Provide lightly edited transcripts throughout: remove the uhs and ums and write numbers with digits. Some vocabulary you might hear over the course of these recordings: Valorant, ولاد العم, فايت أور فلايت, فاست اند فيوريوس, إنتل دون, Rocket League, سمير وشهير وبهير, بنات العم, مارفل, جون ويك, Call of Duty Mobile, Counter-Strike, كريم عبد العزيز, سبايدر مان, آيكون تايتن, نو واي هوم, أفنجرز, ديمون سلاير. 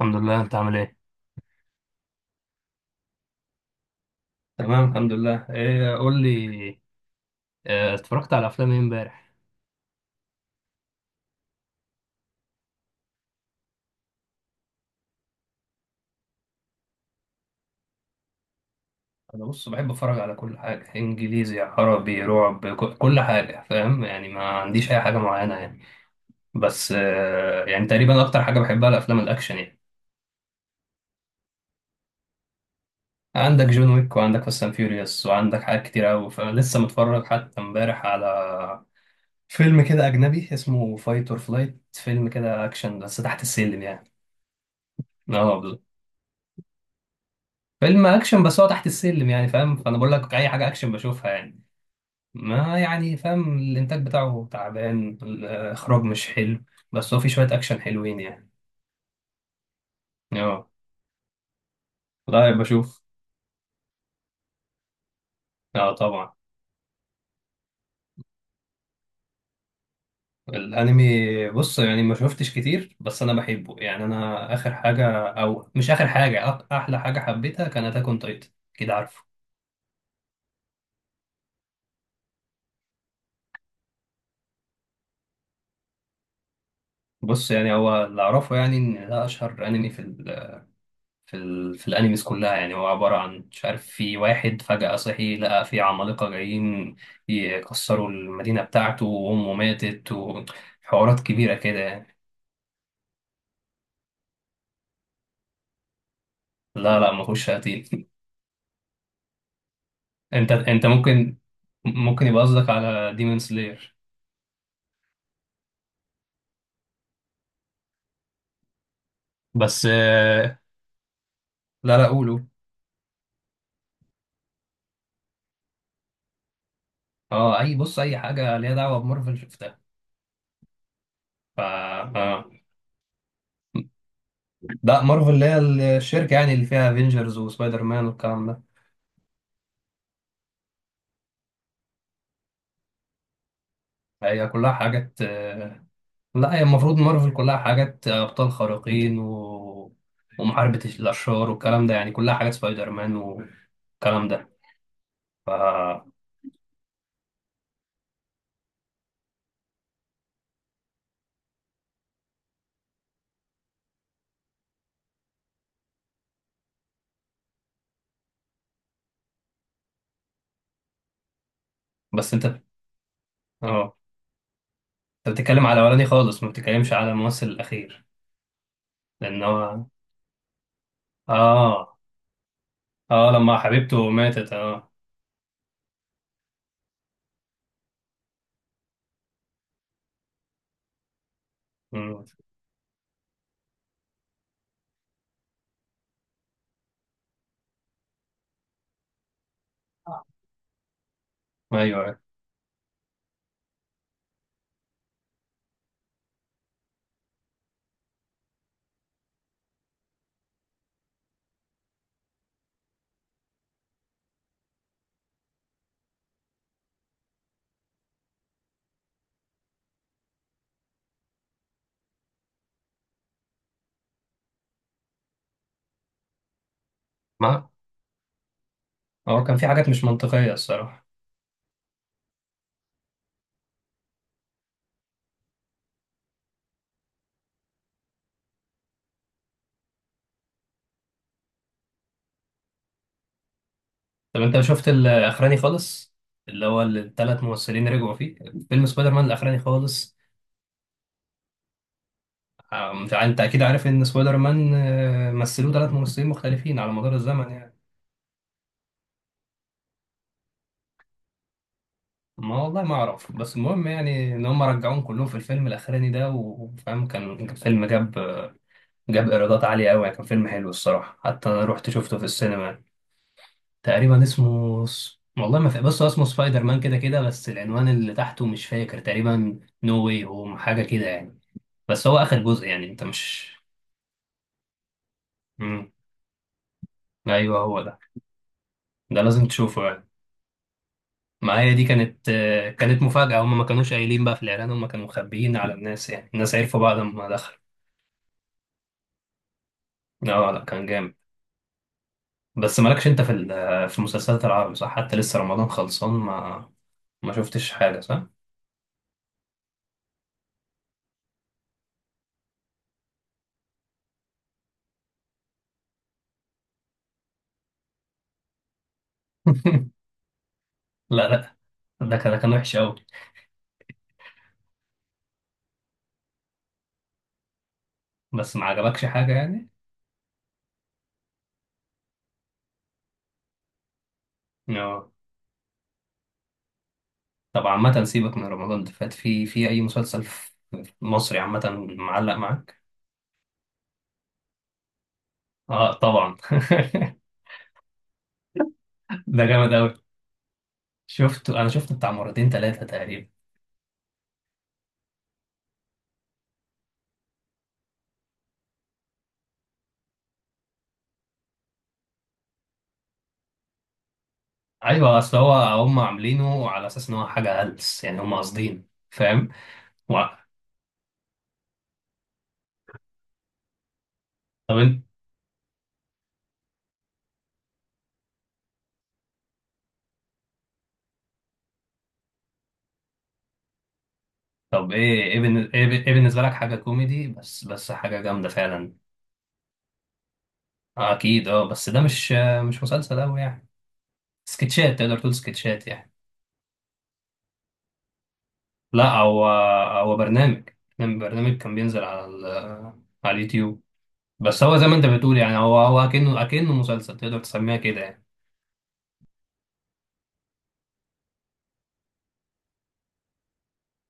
الحمد لله، انت عامل ايه؟ تمام الحمد لله، ايه قول لي. اه، اتفرجت على افلام ايه امبارح؟ انا بص بحب اتفرج على كل حاجه، انجليزي عربي رعب، كل حاجه، فاهم يعني؟ ما عنديش اي حاجه معينه يعني. بس يعني تقريبا اكتر حاجه بحبها الافلام الاكشن يعني. عندك جون ويك، وعندك فاست اند فيوريوس، وعندك حاجات كتير قوي. فلسه متفرج حتى امبارح على فيلم كده اجنبي اسمه فايت اور فلايت. فيلم كده اكشن بس تحت السلم يعني. اه. فيلم اكشن بس هو تحت السلم يعني، فاهم؟ فانا بقول لك اي حاجه اكشن بشوفها يعني. ما يعني فاهم، الانتاج بتاعه تعبان، الاخراج مش حلو. بس هو في شويه اكشن حلوين يعني. اه. لا بشوف. اه طبعا. الانمي بص يعني ما شفتش كتير، بس انا بحبه يعني. انا اخر حاجه، او مش اخر حاجه، احلى حاجه حبيتها كانت اكون تايتن، كده عارفه. بص يعني هو اللي اعرفه يعني ان ده اشهر انمي في في الانيميز كلها يعني. هو عبارة عن، مش عارف، في واحد فجأة صحي لقى في عمالقة جايين يكسروا المدينة بتاعته، وأمه ماتت، وحوارات كبيرة كده يعني. لا، ما كنتش هتيجي. انت ممكن. ممكن يبقى قصدك على ديمون سلاير. بس لا. لا قولوا. اه، اي بص اي حاجة ليها دعوة بمارفل شفتها. ف لا، مارفل اللي هي الشركة يعني، اللي فيها افنجرز وسبايدر مان والكلام ده. هي كلها حاجات لا، هي المفروض مارفل كلها حاجات أبطال خارقين ومحاربة الأشرار والكلام ده يعني، كلها حاجات سبايدر مان والكلام ده. ف... بس أنت، أه. أنت بتتكلم على الأولاني خالص، ما بتتكلمش على الممثل الأخير. لأن هو آه. آه لما حبيبته ماتت، آه. أمم. أيوه، أيوة. ما هو كان في حاجات مش منطقية الصراحة. طب أنت شفت الأخراني خالص؟ اللي هو الثلاث ممثلين رجعوا فيه، فيلم سبايدر مان الأخراني خالص. آم، فأنت أكيد عارف إن سبايدر مان مثلوه ثلاث ممثلين مختلفين على مدار الزمن يعني. ما والله ما أعرف، بس المهم يعني إن هم رجعوهم كلهم في الفيلم الأخراني ده، وفاهم كان فيلم جاب، جاب إيرادات عالية أوي يعني. كان فيلم حلو الصراحة، حتى أنا رحت شفته في السينما. تقريبا اسمه والله ما فاكر، بس هو اسمه سبايدر مان كده كده، بس العنوان اللي تحته مش فاكر، تقريبا نو واي هوم حاجة كده يعني. بس هو آخر جزء يعني، أنت مش مم. أيوه هو ده. ده لازم تشوفه يعني. معايا دي كانت كانت مفاجأة، هم ما كانوش قايلين بقى في الإعلان، هم كانوا مخبيين على الناس يعني، الناس عرفوا بعد ما دخل. اه لا كان جامد. بس مالكش انت في في المسلسلات العربي صح؟ حتى لسه رمضان خلصان، ما ما شفتش حاجة صح؟ لا، ده كان وحش قوي. بس ما عجبكش حاجة يعني. اه. طب عامة سيبك من رمضان اللي فات، في في أي مسلسل في في مصري عامة معلق معاك؟ اه طبعا. ده جامد قوي، شفته، انا شفته بتاع مرتين ثلاثة تقريبا. ايوه اصل هو، هم عاملينه على اساس ان هو حاجه هلس يعني، هم قاصدين فاهم. و- طب انت، طب ايه ايه إيه بالنسبه لك حاجه كوميدي، بس حاجه جامده فعلا؟ اكيد اه، بس ده مش مش مسلسل قوي يعني. سكتشات، تقدر تقول سكتشات يعني. لا هو، هو برنامج. كان بينزل على على اليوتيوب. بس هو زي ما انت بتقول يعني، هو هو اكنه مسلسل، تقدر تسميها كده يعني.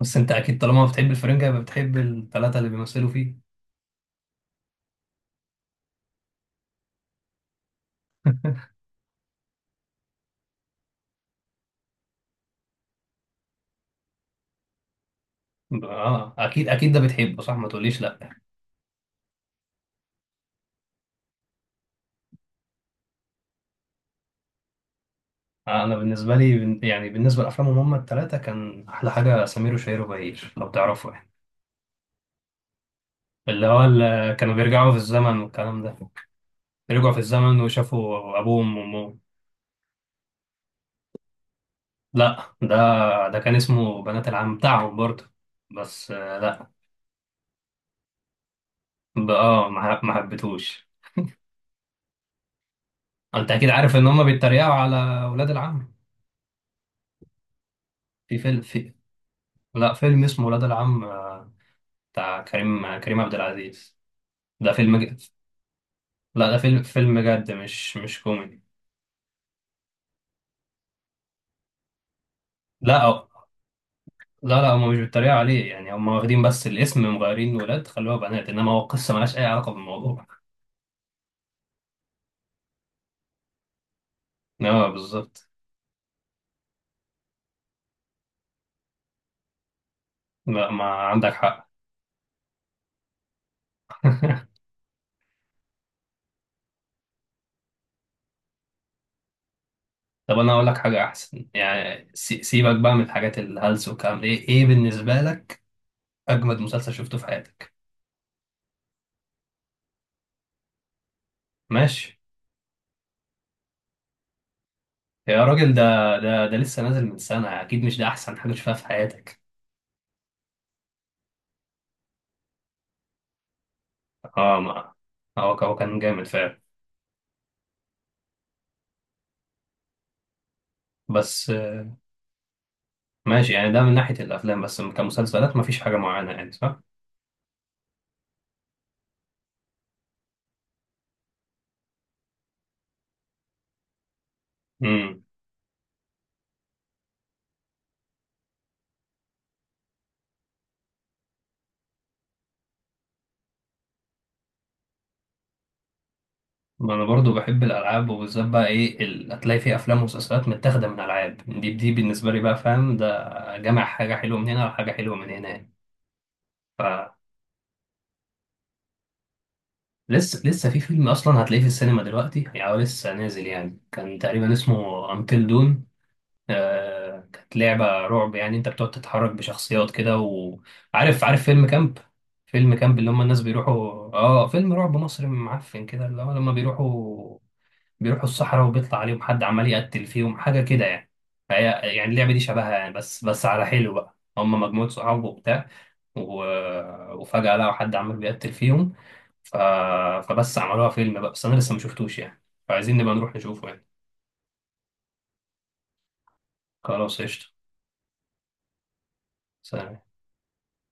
بس انت اكيد طالما بتحب الفرنجة يبقى بتحب الثلاثه اللي بيمثلوا فيه. اه اكيد ده بتحبه صح، ما تقوليش لا. انا بالنسبه لي يعني بالنسبه لافلامهم هم الثلاثه كان احلى حاجه سمير وشهير وبهير، لو تعرفوا يعني. اللي هو اللي كانوا بيرجعوا في الزمن والكلام ده، رجعوا في الزمن وشافوا ابوهم وامهم. لا ده، ده كان اسمه بنات العم بتاعهم برضه. بس لا. ما ما حبيتهوش. انت اكيد عارف ان هم بيتريقوا على ولاد العم. في فيلم في، لا فيلم اسمه ولاد العم بتاع كريم، كريم عبد العزيز. ده فيلم. لا ده فيلم، فيلم جد مش مش كوميدي. لا أو، لا لا هما مش بيتريقوا عليه يعني، هما واخدين بس الاسم، مغيرين ولاد خلوها بنات، انما هو قصة ملهاش اي علاقة بالموضوع. لا بالظبط. لا ما عندك حق. طب انا اقول لك حاجة احسن يعني، سيبك بقى من الحاجات الهلس والكلام ده. ايه، ايه بالنسبة لك اجمد مسلسل شفته في حياتك؟ ماشي. يا راجل ده، ده لسه نازل من سنة، اكيد مش ده احسن حاجة شفتها في حياتك. اه ما هو، هو كان جامد فعلا. بس ماشي يعني، ده من ناحية الأفلام، بس كمسلسلات مفيش حاجة معينة يعني صح؟ امم. ما أنا برضو بحب الألعاب، وبالذات بقى إيه هتلاقي فيه أفلام ومسلسلات متاخدة من ألعاب، دي بالنسبة لي بقى فاهم، ده جمع حاجة حلوة من هنا وحاجة حلوة من هنا يعني. ف لسه في فيلم أصلا هتلاقيه في السينما دلوقتي يعني، هو لسه نازل يعني، كان تقريبا اسمه أنتل دون. كانت لعبة رعب يعني، انت بتقعد تتحرك بشخصيات كده. وعارف، عارف فيلم كامب، فيلم كامب اللي هم الناس بيروحوا؟ اه، فيلم رعب مصري معفن كده، اللي هو لما بيروحوا، بيروحوا الصحراء وبيطلع عليهم حد عمال يقتل فيهم حاجة كده يعني. فهي يعني اللعبة دي شبهها يعني، بس بس على حلو بقى، هم مجموعة صحاب وبتاع و... وفجأة لقوا حد عمال بيقتل فيهم. ف... فبس عملوها فيلم بقى، بس انا لسه ما شفتوش يعني، فعايزين نبقى نروح نشوفه يعني. خلاص قشطة. سلام.